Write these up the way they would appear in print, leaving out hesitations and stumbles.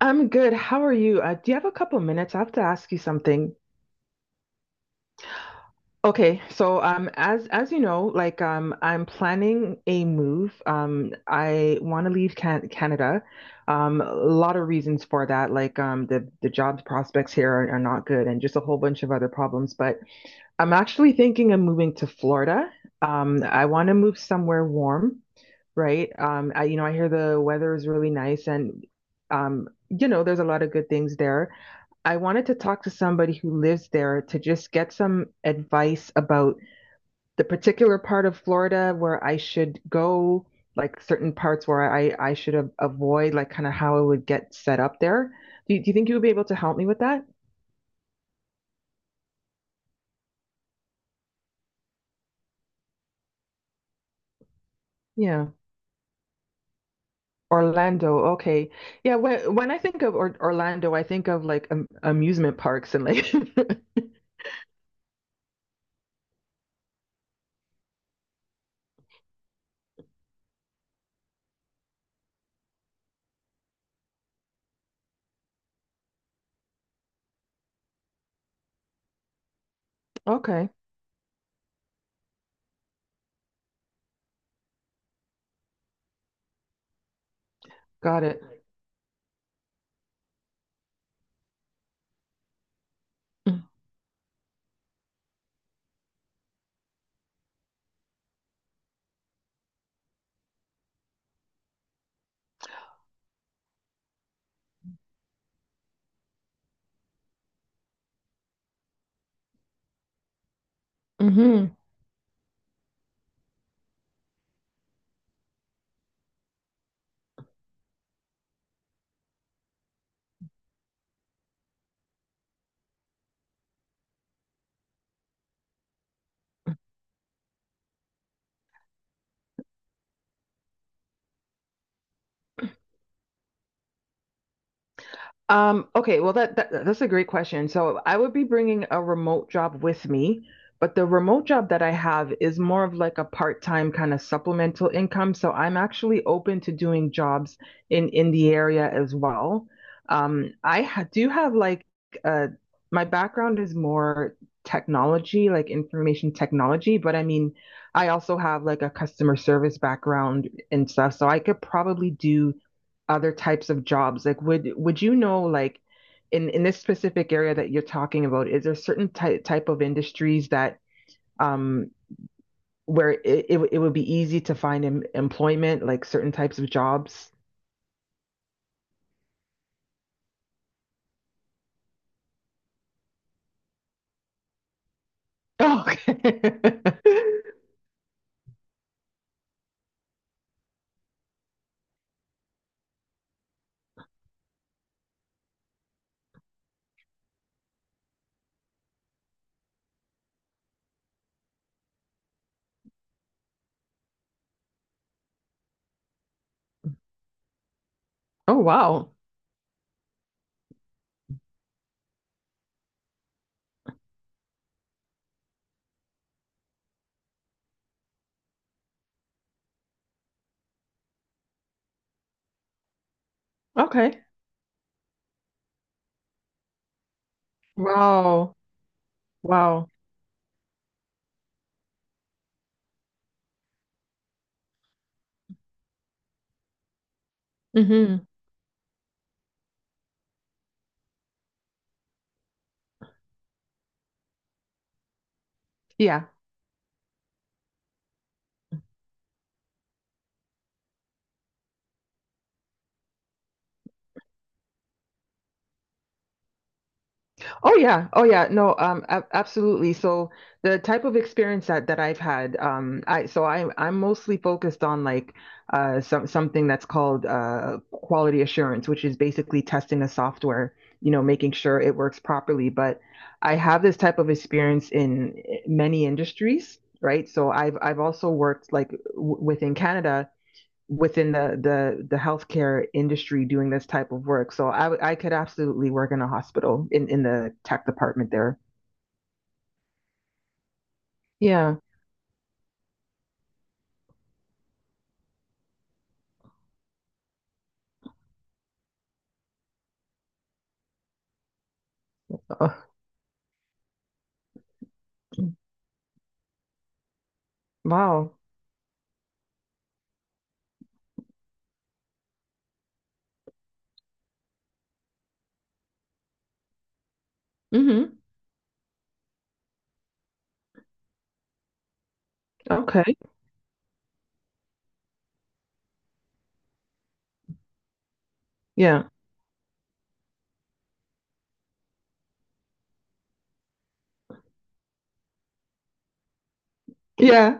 I'm good. How are you? Do you have a couple minutes? I have to ask you something. Okay, so as you know, I'm planning a move. I want to leave Canada. A lot of reasons for that, the job prospects here are not good, and just a whole bunch of other problems. But I'm actually thinking of moving to Florida. I want to move somewhere warm, right? I hear the weather is really nice and, there's a lot of good things there. I wanted to talk to somebody who lives there to just get some advice about the particular part of Florida where I should go, like certain parts where I should avoid, like kind of how I would get set up there. Do you think you would be able to help me with that? Yeah. Orlando, okay. Yeah, when I think of or Orlando, I think of amusement parks and like Okay, got it. Mm. Mm-hmm. Okay, well that's a great question. So I would be bringing a remote job with me, but the remote job that I have is more of like a part-time kind of supplemental income. So I'm actually open to doing jobs in the area as well. I ha do have like uh my background is more technology, like information technology, but I mean, I also have like a customer service background and stuff, so I could probably do other types of jobs? Like, would you know like in this specific area that you're talking about, is there certain ty type of industries that um where it would be easy to find employment, like certain types of jobs? Oh, okay. Oh, wow. Okay. Wow. Wow. Hmm. Yeah. Oh yeah. Oh yeah. No, ab absolutely. So the type of experience that I've had, I so I I'm mostly focused on like something that's called quality assurance, which is basically testing the software, you know, making sure it works properly, but I have this type of experience in many industries, right? So I've also worked like w within Canada, within the healthcare industry doing this type of work. So I could absolutely work in a hospital in the tech department there. Yeah. Oh, wow. Hmm. Okay. Yeah. Yeah.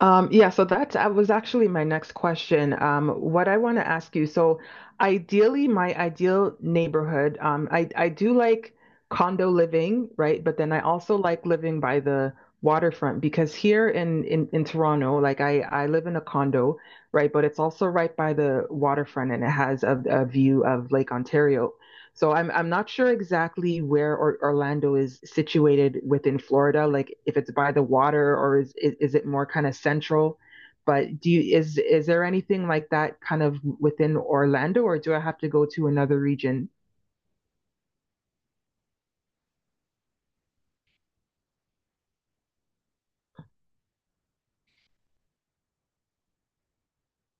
Yeah, so that was actually my next question. What I want to ask you, so ideally, my ideal neighborhood, I do like condo living, right? But then I also like living by the waterfront because here in in Toronto, like I live in a condo, right? But it's also right by the waterfront and it has a view of Lake Ontario. So I'm not sure exactly where Orlando is situated within Florida, like if it's by the water, or is it more kind of central? But do you is there anything like that kind of within Orlando, or do I have to go to another region?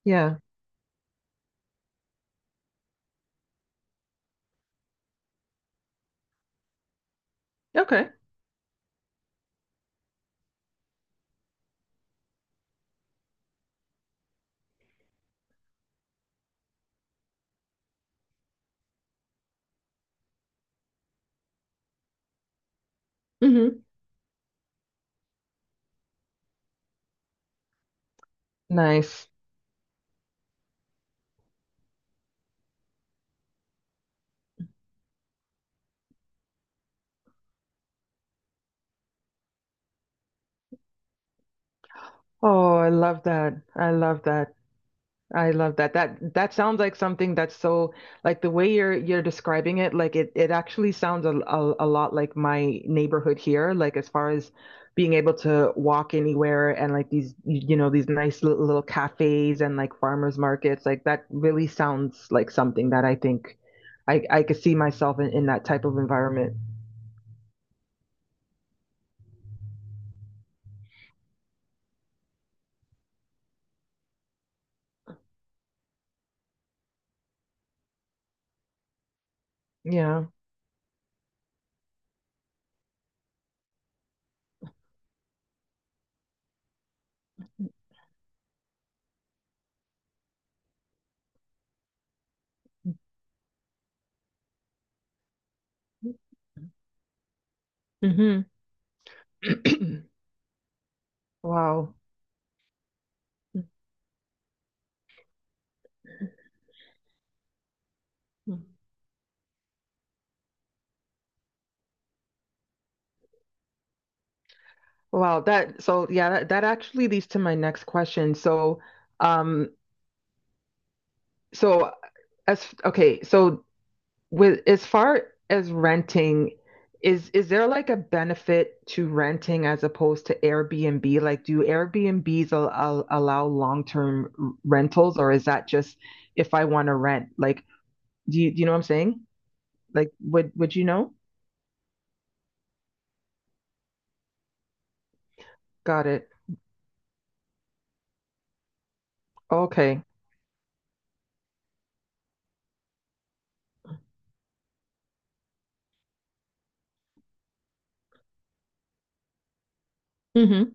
Yeah. Okay. Hmm. Nice. Oh, I love that. I love that. I love that. That that sounds like something that's so, like the way you're describing it, like it actually sounds a lot like my neighborhood here, like as far as being able to walk anywhere and like these you know these nice little cafes and like farmers markets, like that really sounds like something that I think I could see myself in that type of environment. Yeah. Hmm. Wow. Wow, that, so yeah, that actually leads to my next question. So, um, so as okay, so with as far as renting, is there like a benefit to renting as opposed to Airbnb? Like, do Airbnbs al al allow long-term rentals, or is that just if I want to rent? Like, do you know what I'm saying? Like, would you know? Got it. Okay. Mm-hmm.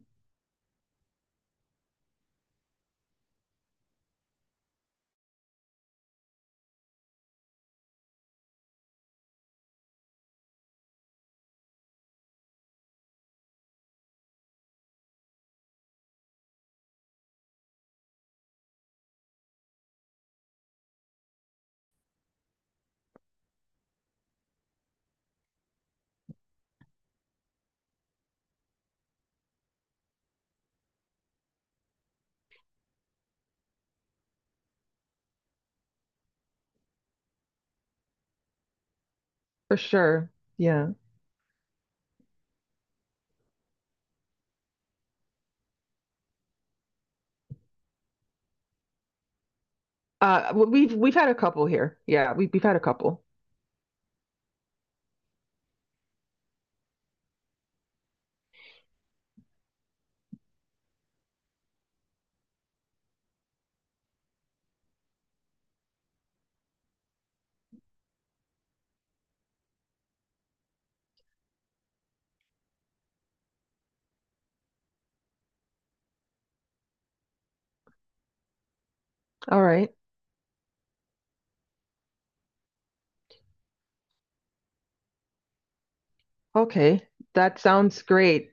For sure. Yeah. We've had a couple here. Yeah, we've had a couple. All right. Okay. That sounds great.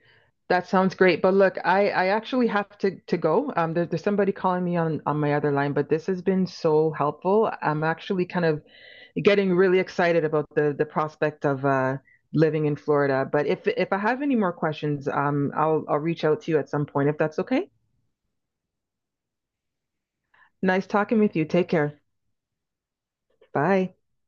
That sounds great. But look, I actually have to go. There's somebody calling me on my other line, but this has been so helpful. I'm actually kind of getting really excited about the prospect of living in Florida. But if I have any more questions, I'll reach out to you at some point if that's okay. Nice talking with you. Take care. Bye.